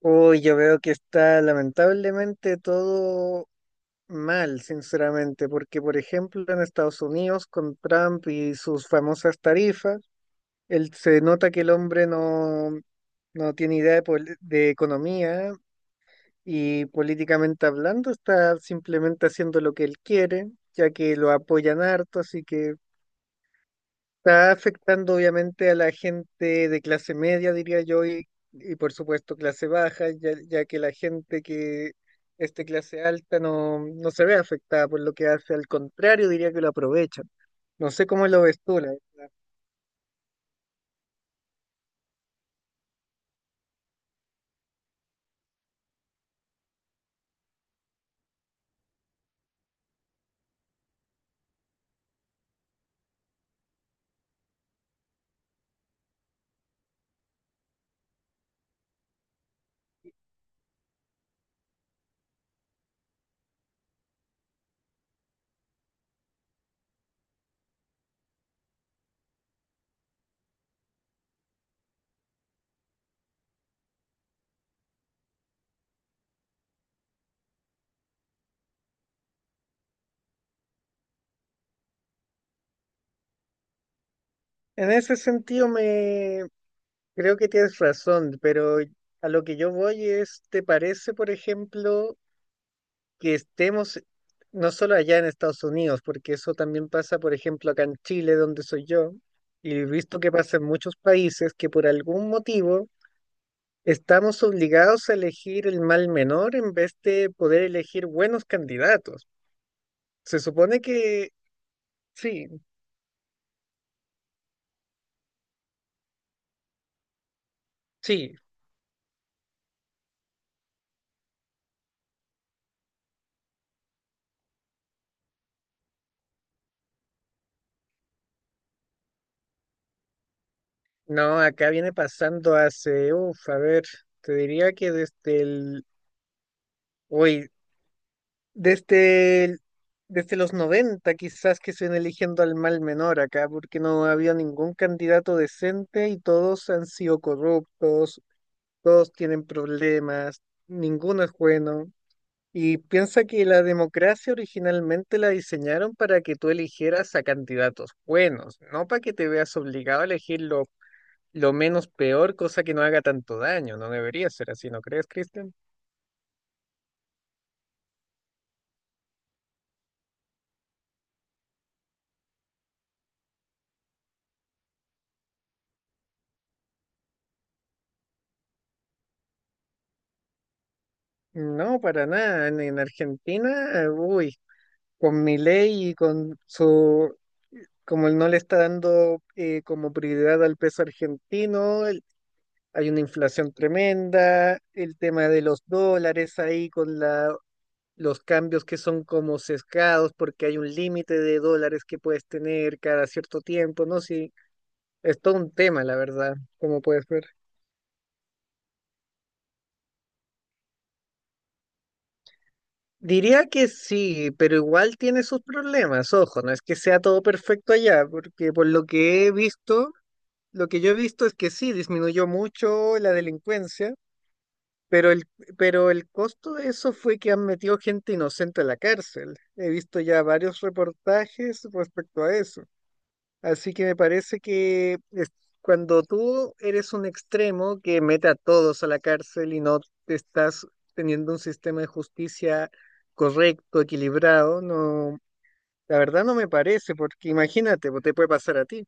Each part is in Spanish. Uy, yo veo que está lamentablemente todo mal, sinceramente, porque por ejemplo en Estados Unidos con Trump y sus famosas tarifas, él, se nota que el hombre no tiene idea de, de economía y políticamente hablando está simplemente haciendo lo que él quiere, ya que lo apoyan harto, así que... Está afectando obviamente a la gente de clase media, diría yo, y por supuesto clase baja, ya, ya que la gente que es de clase alta no se ve afectada por lo que hace, al contrario, diría que lo aprovechan. No sé cómo lo ves tú, En ese sentido, me creo que tienes razón, pero a lo que yo voy es, ¿te parece, por ejemplo, que estemos no solo allá en Estados Unidos, porque eso también pasa, por ejemplo, acá en Chile, donde soy yo, y he visto que pasa en muchos países que por algún motivo estamos obligados a elegir el mal menor en vez de poder elegir buenos candidatos? Se supone que sí, sí, no, acá viene pasando hace, uff, a ver, te diría que desde el, hoy, Desde, el- desde los 90 quizás que se ven eligiendo al mal menor acá, porque no había ningún candidato decente y todos han sido corruptos, todos tienen problemas, ninguno es bueno. Y piensa que la democracia originalmente la diseñaron para que tú eligieras a candidatos buenos, no para que te veas obligado a elegir lo menos peor, cosa que no haga tanto daño. No debería ser así, ¿no crees, Cristian? No, para nada. En Argentina, uy, con mi ley y con su, como él no le está dando como prioridad al peso argentino, hay una inflación tremenda, el tema de los dólares ahí con la, los cambios que son como sesgados porque hay un límite de dólares que puedes tener cada cierto tiempo, ¿no? Sí, es todo un tema, la verdad, como puedes ver. Diría que sí, pero igual tiene sus problemas, ojo, no es que sea todo perfecto allá, porque por lo que he visto, lo que yo he visto es que sí, disminuyó mucho la delincuencia, pero el, pero el costo de eso fue que han metido gente inocente a la cárcel. He visto ya varios reportajes respecto a eso. Así que me parece que cuando tú eres un extremo que mete a todos a la cárcel y no te estás teniendo un sistema de justicia correcto, equilibrado, no, la verdad no me parece, porque imagínate, te puede pasar a ti.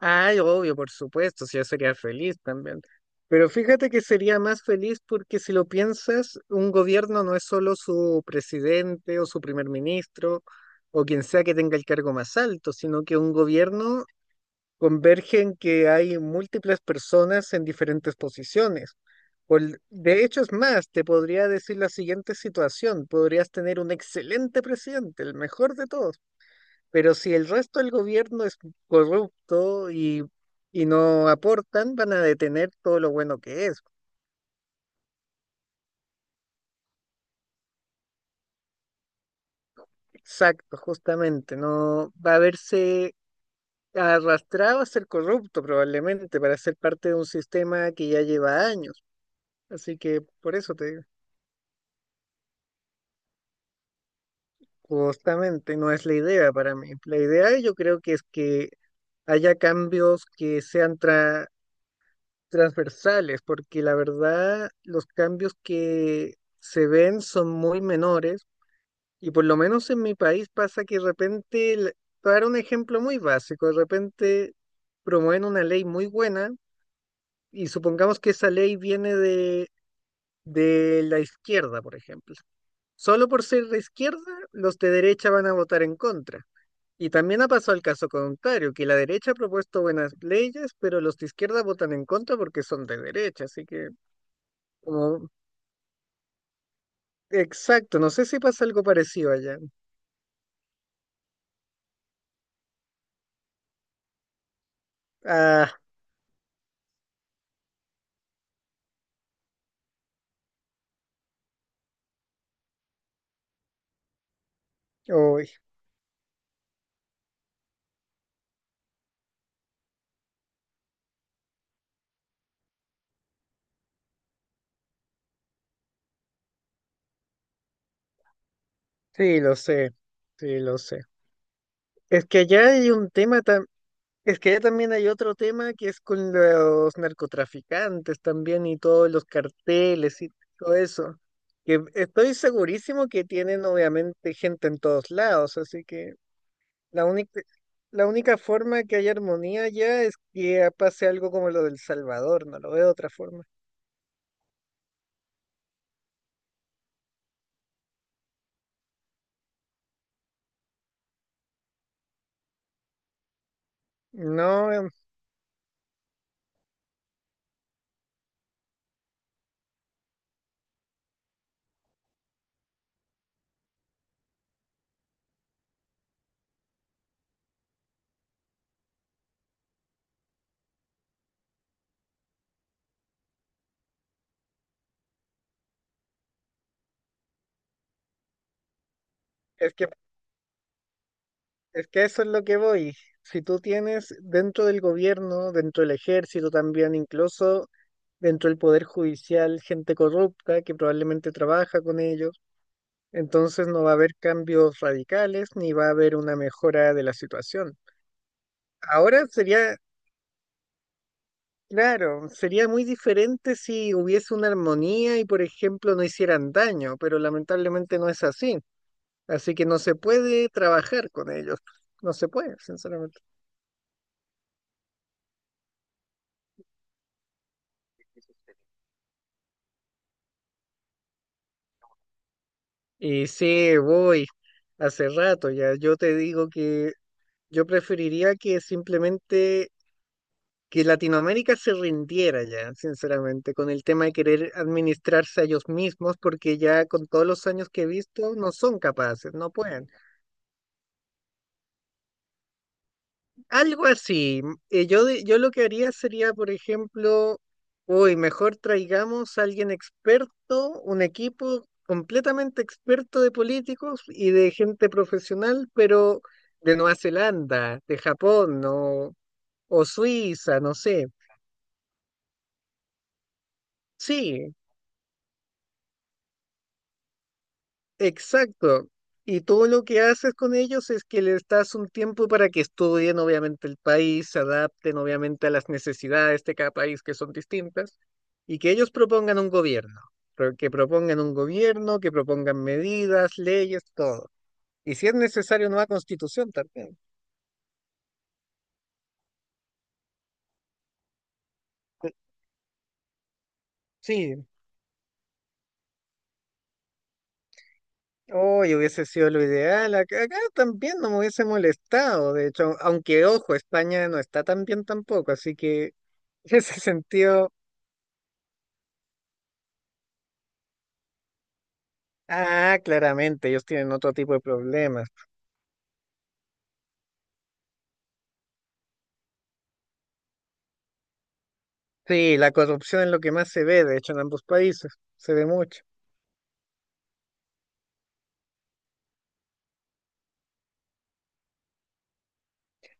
Ay, obvio, por supuesto, si yo sería feliz también. Pero fíjate que sería más feliz porque si lo piensas, un gobierno no es solo su presidente o su primer ministro o quien sea que tenga el cargo más alto, sino que un gobierno converge en que hay múltiples personas en diferentes posiciones. De hecho, es más, te podría decir la siguiente situación. Podrías tener un excelente presidente, el mejor de todos, pero si el resto del gobierno es corrupto y no aportan, van a detener todo lo bueno que es. Exacto, justamente. No va a verse arrastrado a ser corrupto probablemente para ser parte de un sistema que ya lleva años. Así que por eso te digo, justamente no es la idea para mí. La idea yo creo que es que haya cambios que sean transversales, porque la verdad los cambios que se ven son muy menores y por lo menos en mi país pasa que de repente, para un ejemplo muy básico, de repente promueven una ley muy buena y supongamos que esa ley viene de la izquierda, por ejemplo. Solo por ser de izquierda, los de derecha van a votar en contra. Y también ha pasado el caso contrario, que la derecha ha propuesto buenas leyes, pero los de izquierda votan en contra porque son de derecha. Así que como exacto, no sé si pasa algo parecido allá. Ah, uy, sí, lo sé, sí, lo sé. Es que allá hay un tema, es que allá también hay otro tema que es con los narcotraficantes también y todos los carteles y todo eso. Que estoy segurísimo que tienen obviamente gente en todos lados, así que la única, la única forma que haya armonía allá es que pase algo como lo del Salvador, no lo veo de otra forma. No, es que es que eso es lo que voy. Si tú tienes dentro del gobierno, dentro del ejército también, incluso dentro del poder judicial, gente corrupta que probablemente trabaja con ellos, entonces no va a haber cambios radicales ni va a haber una mejora de la situación. Ahora sería, claro, sería muy diferente si hubiese una armonía y, por ejemplo, no hicieran daño, pero lamentablemente no es así. Así que no se puede trabajar con ellos. No se puede, sinceramente. Y sí, voy. Hace rato ya. Yo te digo que yo preferiría que simplemente que Latinoamérica se rindiera ya, sinceramente, con el tema de querer administrarse a ellos mismos, porque ya con todos los años que he visto no son capaces, no pueden. Algo así. Yo lo que haría sería, por ejemplo, hoy mejor traigamos a alguien experto, un equipo completamente experto de políticos y de gente profesional, pero de Nueva Zelanda, de Japón, o Suiza, no sé. Sí, exacto. Y todo lo que haces con ellos es que les das un tiempo para que estudien, obviamente, el país, se adapten, obviamente, a las necesidades de cada país que son distintas, y que ellos propongan un gobierno, que propongan un gobierno, que propongan medidas, leyes, todo. Y si es necesario, nueva constitución también. Eh, Sí, hoy hubiese sido lo ideal. Acá, acá también no me hubiese molestado, de hecho, aunque ojo, España no está tan bien tampoco, así que en ese sentido ah, claramente, ellos tienen otro tipo de problemas. Sí, la corrupción es lo que más se ve, de hecho, en ambos países. Se ve mucho.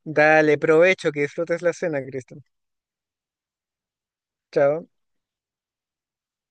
Dale, provecho, que disfrutes la cena, Cristian. Chao.